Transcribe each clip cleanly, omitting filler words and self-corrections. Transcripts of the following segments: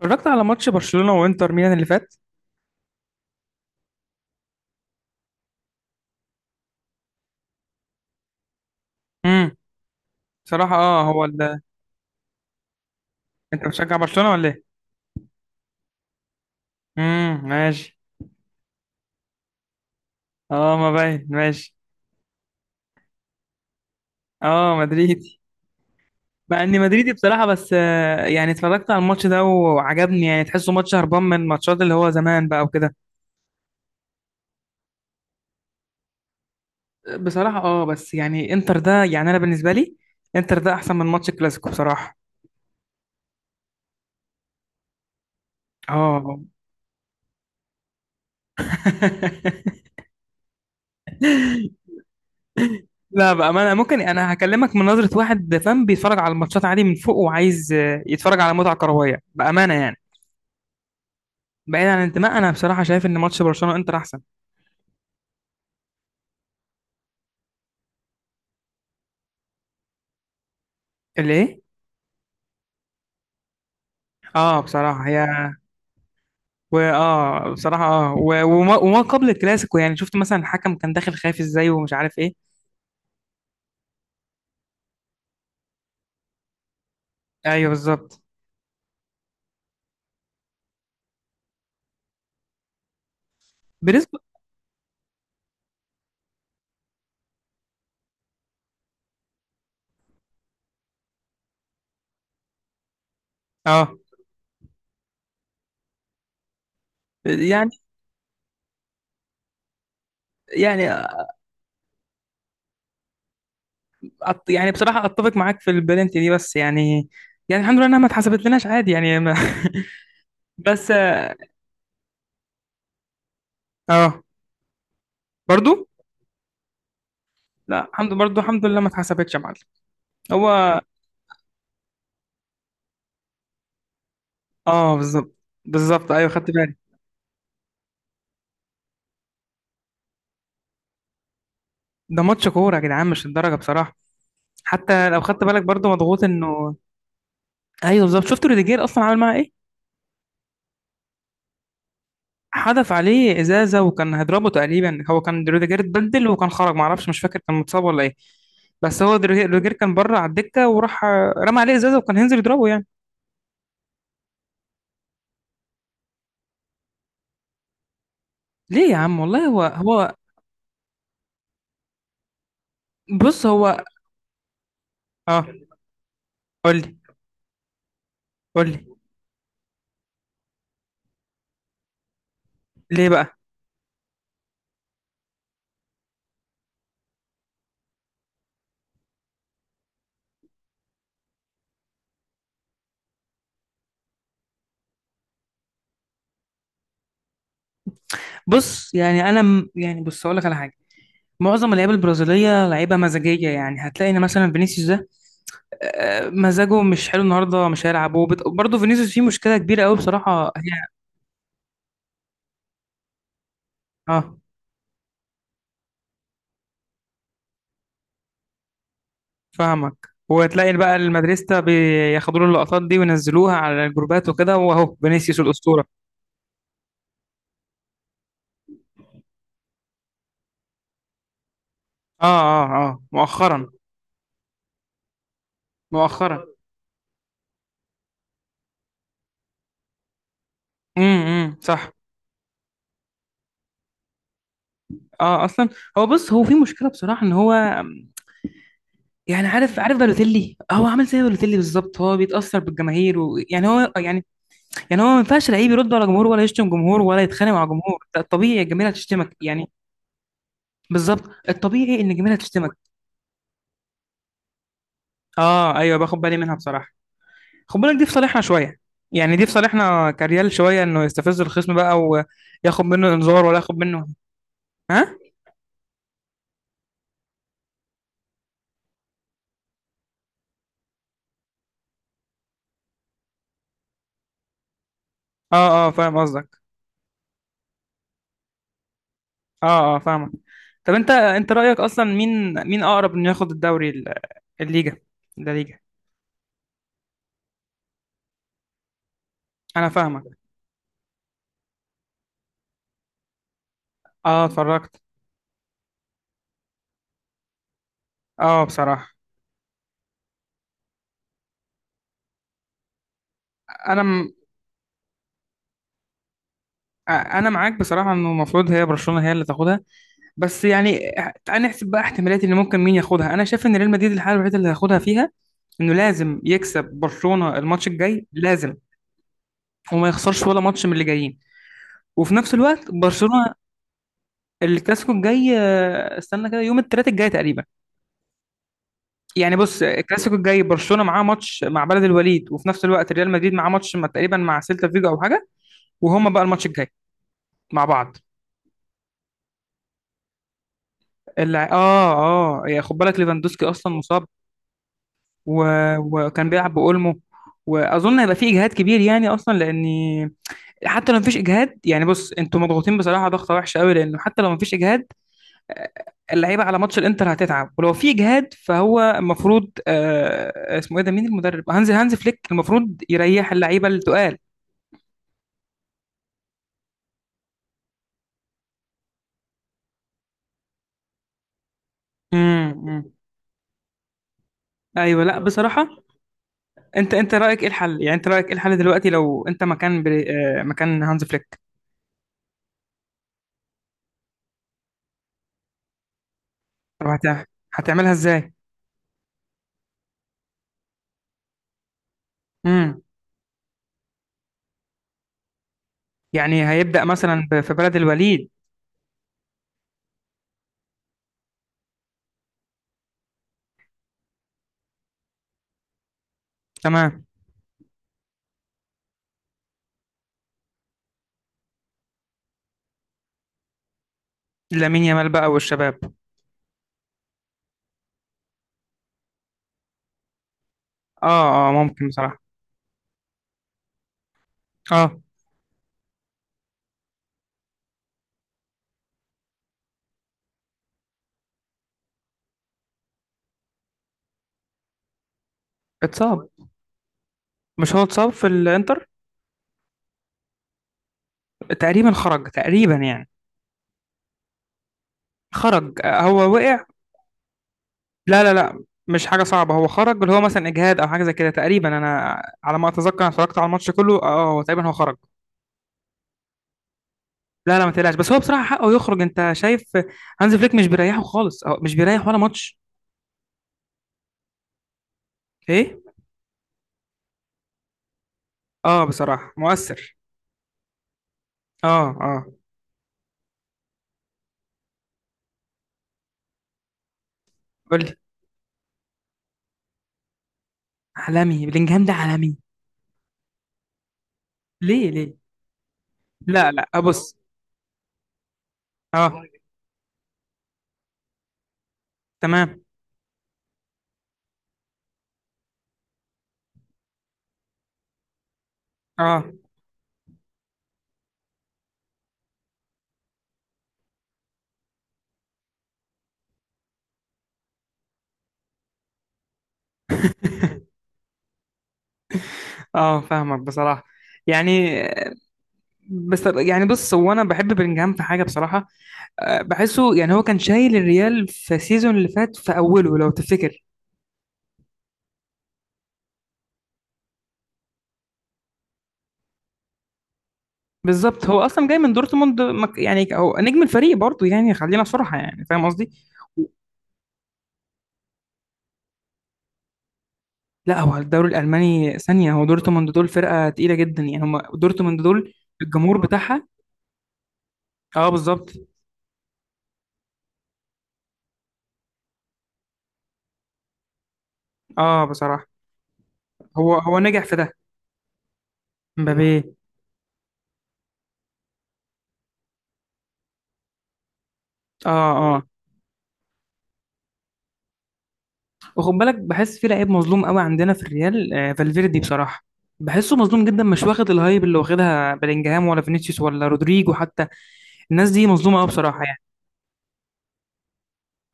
اتفرجت على ماتش برشلونة وانتر ميلان اللي فات. امم بصراحة هو انت بتشجع برشلونة ولا ايه؟ ماشي. اه، ما باين، ماشي. اه، مدريدي. مع اني مدريدي بصراحة، بس يعني اتفرجت على الماتش ده وعجبني، يعني تحسه ماتش هربان من الماتشات اللي هو زمان بقى وكده. بصراحة اه، بس يعني انتر ده، يعني انا بالنسبة لي انتر ده احسن من ماتش الكلاسيكو بصراحة. اه. لا بقى، ما انا ممكن انا هكلمك من نظرة واحد فاهم، بيتفرج على الماتشات عادي من فوق وعايز يتفرج على متعة كروية بأمانة يعني. بعيد عن الانتماء، انا بصراحة شايف ان ماتش برشلونة انتر احسن. اللي ايه؟ اه، بصراحة هي. واه، بصراحة اه، وما قبل الكلاسيكو، يعني شفت مثلا الحكم كان داخل خايف ازاي ومش عارف ايه. ايوه بالظبط. بنسبة. اه يعني، يعني يعني بصراحة اتفق معاك في البلنتي دي، بس يعني، يعني الحمد لله انها ما اتحسبت لناش، عادي يعني، بس. اه، برضو. لا الحمد، برضه الحمد لله ما اتحسبتش يا معلم. هو. اه بالظبط. بالظبط، ايوه خدت بالي. ده ماتش كوره يا جدعان، مش الدرجه بصراحه. حتى لو خدت بالك برضه، مضغوط انه. ايوه بالظبط. شفت روديجير اصلا عامل معاه ايه؟ حدف عليه ازازه وكان هيضربه تقريبا. هو كان روديجير اتبدل وكان خرج، ما اعرفش مش فاكر كان متصاب ولا ايه. بس هو روديجير كان بره على الدكه وراح رمى عليه ازازه وكان هينزل يضربه يعني. ليه يا عم والله، هو بص هو. اه. قول لي. قول لي. ليه بقى؟ بص يعني انا يعني بص، اقول لك على حاجه. معظم اللعيبه البرازيليه لعيبه مزاجيه، يعني هتلاقي ان مثلا فينيسيوس ده مزاجه مش حلو النهارده مش هيلعب. برضه فينيسيوس فيه مشكله كبيره قوي بصراحه هي. اه فاهمك. وتلاقي بقى المدريستا بياخدوا له اللقطات دي وينزلوها على الجروبات وكده، واهو فينيسيوس الاسطوره. اه مؤخرا. مؤخرا. امم، صح. اه اصلا. هو بص، هو في مشكله بصراحه ان هو، يعني عارف، بالوتيلي، هو عامل زي بالوتيلي بالظبط. هو بيتاثر بالجماهير، ويعني هو يعني، يعني هو ما ينفعش لعيب يرد على جمهور ولا يشتم جمهور ولا يتخانق مع جمهور. ده الطبيعي الجماهير هتشتمك يعني. بالظبط. الطبيعي ان الجماهير هتشتمك. اه ايوه، باخد بالي منها بصراحه. خد بالك، دي في صالحنا شويه. يعني دي في صالحنا كريال شويه، انه يستفز الخصم بقى وياخد منه انذار ولا ياخد منه. ها. اه فاهم قصدك. اه اه فاهمك. طب انت، انت رايك اصلا مين، مين اقرب انه ياخد الدوري الليجا؟ ده ليجا. انا فاهمك. اه اتفرجت. اه بصراحه. انا انا معاك بصراحه، انه المفروض هي برشلونه هي اللي تاخدها. بس يعني اه، تعال نحسب بقى احتمالات ان ممكن مين ياخدها. انا شايف ان ريال مدريد الحاله الوحيده اللي هياخدها فيها، انه لازم يكسب برشلونه الماتش الجاي لازم، وما يخسرش ولا ماتش من اللي جايين. وفي نفس الوقت برشلونه، الكلاسيكو الجاي استنى كده، يوم الثلاث الجاي تقريبا. يعني بص، الكلاسيكو الجاي برشلونه معاه ماتش مع بلد الوليد، وفي نفس الوقت ريال مدريد معاه ماتش تقريبا مع سيلتا فيجو او حاجه. وهما بقى الماتش الجاي مع بعض. اه. اه يا خد بالك، ليفاندوسكي اصلا مصاب، و... وكان بيلعب بأولمو، واظن هيبقى في اجهاد كبير يعني اصلا، لان حتى لو مفيش اجهاد، يعني بص انتوا مضغوطين بصراحه ضغطه وحشه قوي، لانه حتى لو مفيش اجهاد آه، اللعيبه على ماتش الانتر هتتعب. ولو في اجهاد، فهو المفروض اسمه ايه ده، مين المدرب؟ هانز فليك المفروض يريح اللعيبه التقال. امم. ايوه لا بصراحه. انت، انت رايك ايه الحل؟ يعني انت رايك ايه الحل دلوقتي لو انت مكان بري... آه، مكان هانز فليك؟ طب هتعملها ازاي؟ يعني هيبدأ مثلا في بلد الوليد؟ تمام. لامين يامال بقى والشباب. اه اه ممكن بصراحة. اه، اتصاب؟ مش هو اتصاب في الانتر؟ تقريبا خرج تقريبا يعني. خرج هو وقع. لا مش حاجة صعبة، هو خرج اللي هو مثلا اجهاد او حاجة زي كده تقريبا. انا على ما اتذكر انا اتفرجت على الماتش كله، اه هو تقريبا خرج. لا لا ما تقلقش، بس هو بصراحة حقه يخرج. انت شايف هانز فليك مش بيريحه خالص، اه مش بيريح ولا ماتش. ايه؟ اه بصراحة مؤثر. اه اه. قول لي. عالمي، بلينجهام ده عالمي. ليه؟ ليه؟ لا لا ابص. اه. تمام. اه اه فاهمك بصراحه. يعني بس يعني بص، هو انا بحب بلينجهام في حاجه بصراحه، بحسه يعني هو كان شايل الريال في السيزون اللي فات في اوله لو تفتكر. بالظبط. هو اصلا جاي من دورتموند، يعني هو نجم الفريق برضه يعني، خلينا صراحه يعني، فاهم قصدي. لا هو الدوري الالماني ثانيه. هو دورتموند دول فرقه تقيله جدا يعني، هم دورتموند دول. الجمهور بتاعها. اه بالظبط. اه بصراحه. هو نجح في ده، مبابي. اه اه. وخد بالك، بحس في لعيب مظلوم قوي عندنا في الريال، آه فالفيردي بصراحه. بحسه مظلوم جدا، مش واخد الهايب اللي واخدها بلينجهام ولا فينيسيوس ولا رودريجو حتى. الناس دي مظلومه قوي بصراحه يعني.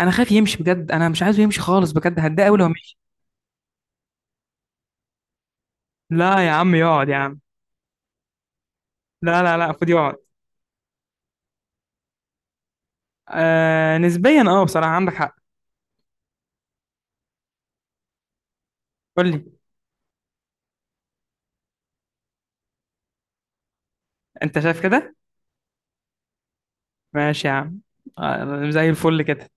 انا خايف يمشي بجد، انا مش عايزه يمشي خالص بجد، هتضايق قوي لو مشي. لا يا عم يقعد يا عم. لا المفروض يقعد. آه نسبيا، اه بصراحه عندك حق. قول لي. انت شايف كده؟ ماشي يا عم. آه زي الفل كده.